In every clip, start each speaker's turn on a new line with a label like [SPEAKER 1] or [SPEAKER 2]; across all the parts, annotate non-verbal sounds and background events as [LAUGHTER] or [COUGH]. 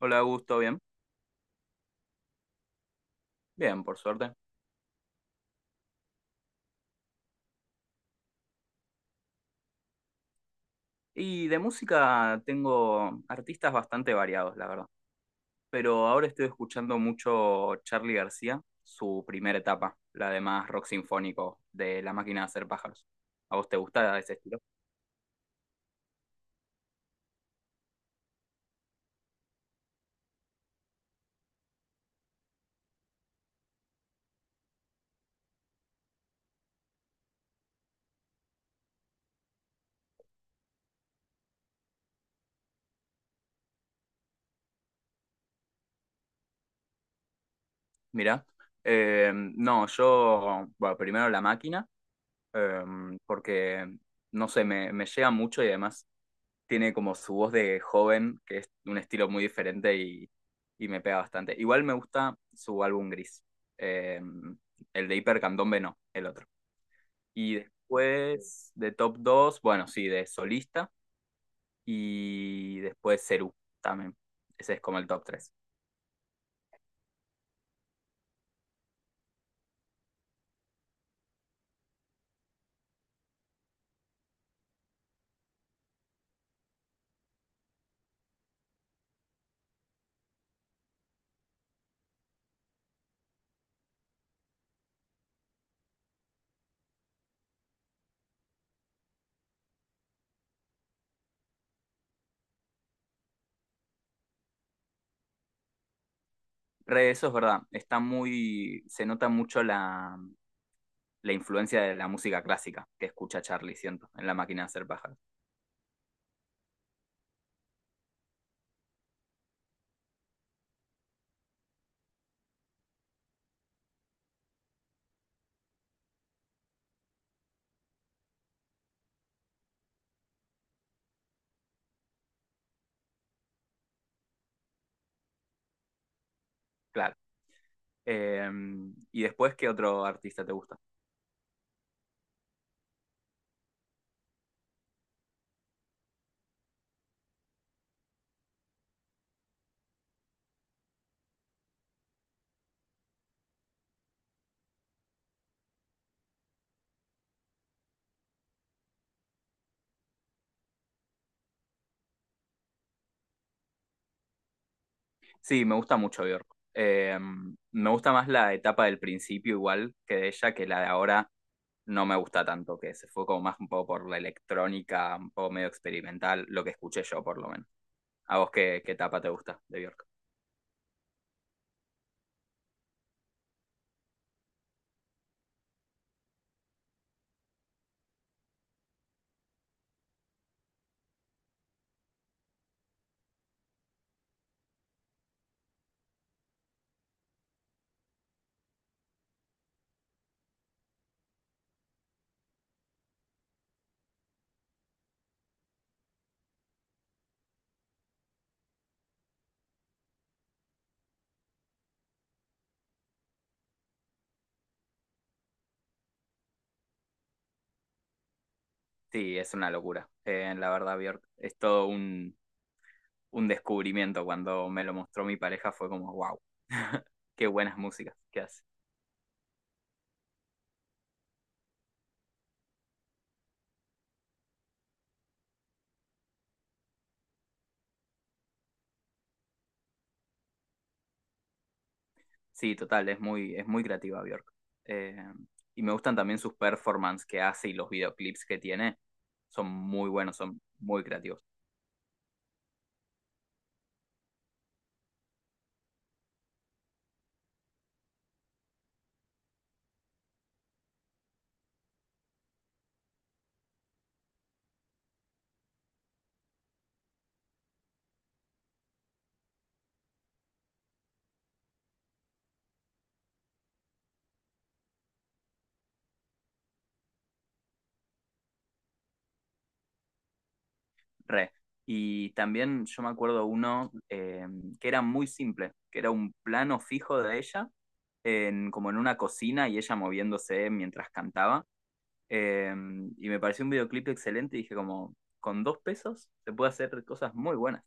[SPEAKER 1] Hola, Augusto, bien. Bien, por suerte. Y de música tengo artistas bastante variados, la verdad. Pero ahora estoy escuchando mucho Charly García, su primera etapa, la de más rock sinfónico de La Máquina de Hacer Pájaros. ¿A vos te gusta ese estilo? Mirá. No, yo, bueno, primero La Máquina, eh, porque, no sé, me llega mucho y además tiene como su voz de joven, que es un estilo muy diferente y me pega bastante. Igual me gusta su álbum gris, eh, el de Hiper Candombe no, el otro. Y después de Top 2 bueno, sí, de Solista y después Cerú también. Ese es como el top tres. Re. Eso es verdad, está muy, se nota mucho la influencia de la música clásica que escucha Charlie, siento, en la máquina de hacer pájaros. Claro. Eh, ¿Y después qué otro artista te gusta? Sí, me gusta mucho Björk. Eh, Me gusta más la etapa del principio igual que de ella, que la de ahora no me gusta tanto, que se fue como más un poco por la electrónica, un poco medio experimental, lo que escuché yo por lo menos. ¿A vos qué etapa te gusta de Björk? Sí, es una locura. La verdad, Björk, es todo un descubrimiento. Cuando me lo mostró mi pareja fue como, wow, [LAUGHS] qué buenas músicas que hace. Sí, total, es muy creativa Bjork. Eh, y me gustan también sus performances que hace y los videoclips que tiene. Son muy buenos, son muy creativos. Re. Y también yo me acuerdo uno que era muy simple, que era un plano fijo de ella, en, como en una cocina y ella moviéndose mientras cantaba. Eh, y me pareció un videoclip excelente y dije como, con dos pesos se puede hacer cosas muy buenas.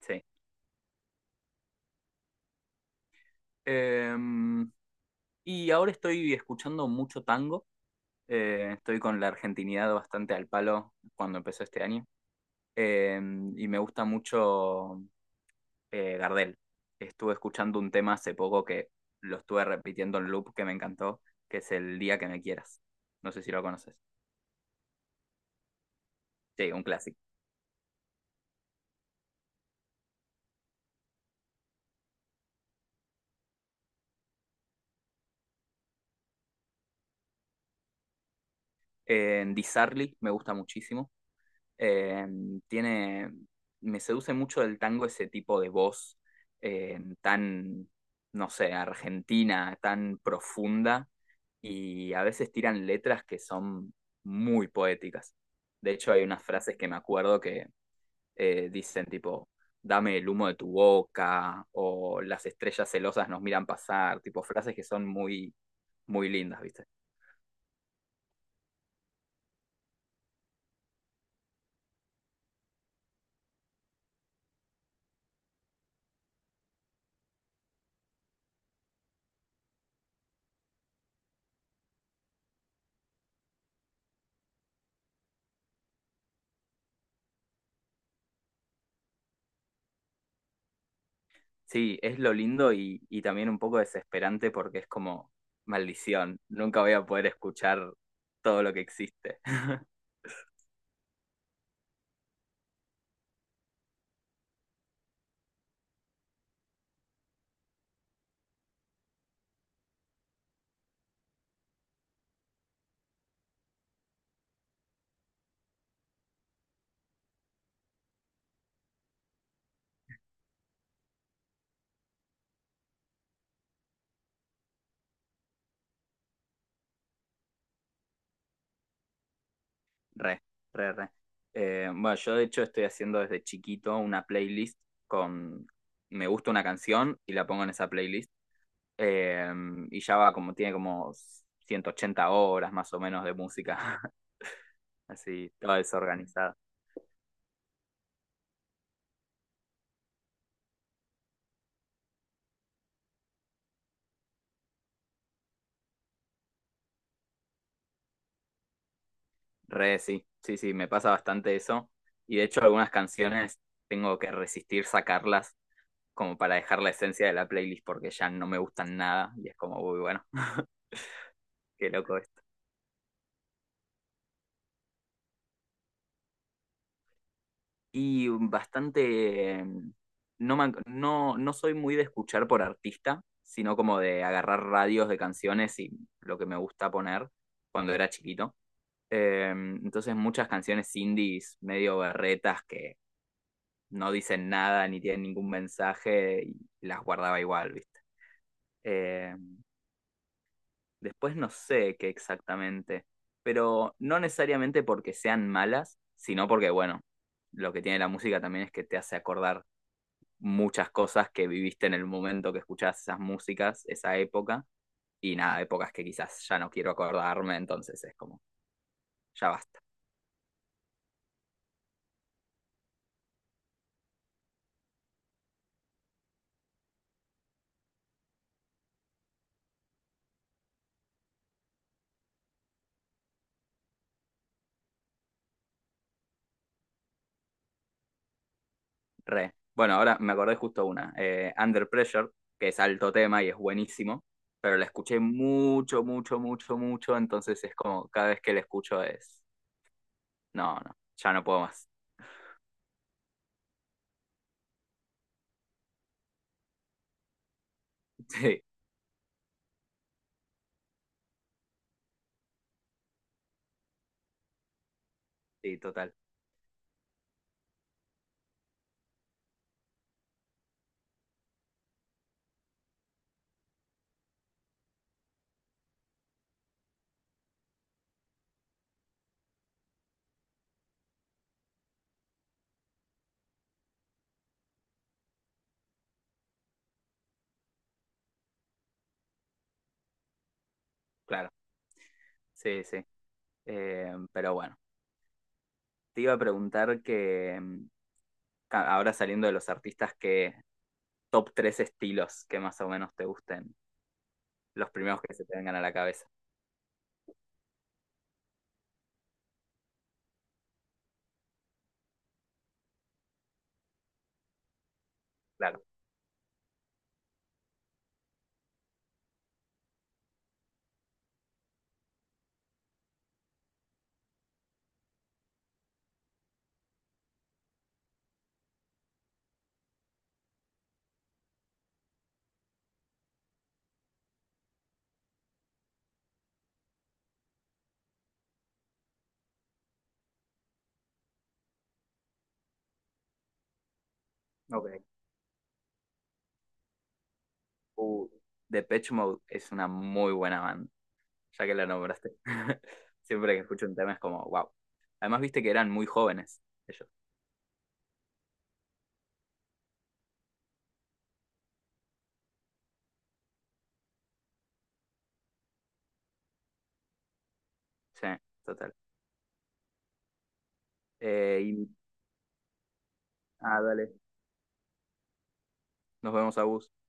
[SPEAKER 1] Sí. Eh, y ahora estoy escuchando mucho tango. Estoy con la argentinidad bastante al palo cuando empezó este año. Eh, y me gusta mucho Gardel. Estuve escuchando un tema hace poco que lo estuve repitiendo en loop que me encantó, que es El Día que me quieras. No sé si lo conoces. Sí, un clásico. Disarly me gusta muchísimo. Eh, Tiene, me seduce mucho el tango ese tipo de voz tan, no sé, argentina, tan profunda y a veces tiran letras que son muy poéticas. De hecho, hay unas frases que me acuerdo que dicen tipo, dame el humo de tu boca o las estrellas celosas nos miran pasar, tipo frases que son muy, muy lindas, ¿viste? Sí, es lo lindo y también un poco desesperante porque es como, maldición, nunca voy a poder escuchar todo lo que existe. Re, re, re. Bueno, yo de hecho estoy haciendo desde chiquito una playlist con... Me gusta una canción y la pongo en esa playlist. eh, y ya va como, tiene como 180 horas más o menos de música. [LAUGHS] Así, toda desorganizada. Re, sí, sí, sí, me pasa bastante eso. Y de hecho algunas canciones tengo que resistir sacarlas como para dejar la esencia de la playlist porque ya no me gustan nada. Y es como, uy, bueno, [LAUGHS] qué loco. Y bastante, eh, no, no, no soy muy de escuchar por artista, sino como de agarrar radios de canciones y lo que me gusta poner cuando era chiquito. Entonces muchas canciones indies medio berretas que no dicen nada ni tienen ningún mensaje y las guardaba igual, ¿viste? Eh, Después no sé qué exactamente, pero no necesariamente porque sean malas, sino porque, bueno, lo que tiene la música también es que te hace acordar muchas cosas que viviste en el momento que escuchás esas músicas, esa época, y nada, épocas que quizás ya no quiero acordarme, entonces es como, ya basta, re. Bueno, ahora me acordé justo una, Under Pressure, que es alto tema y es buenísimo, pero la escuché mucho, mucho, mucho, mucho, entonces es como, cada vez que la escucho es, no, no, ya no puedo más. [LAUGHS] Sí, sí, total, claro, sí, sí. Pero bueno, te iba a preguntar que ahora saliendo de los artistas que top tres estilos que más o menos te gusten. Los primeros que se te vengan a la cabeza. Claro. Ok. Uh, Depeche Mode es una muy buena banda, ya que la nombraste. [LAUGHS] Siempre que escucho un tema es como, wow. Además, viste que eran muy jóvenes ellos. Sí, total. Eh, y, ah, dale. Nos vemos a vos.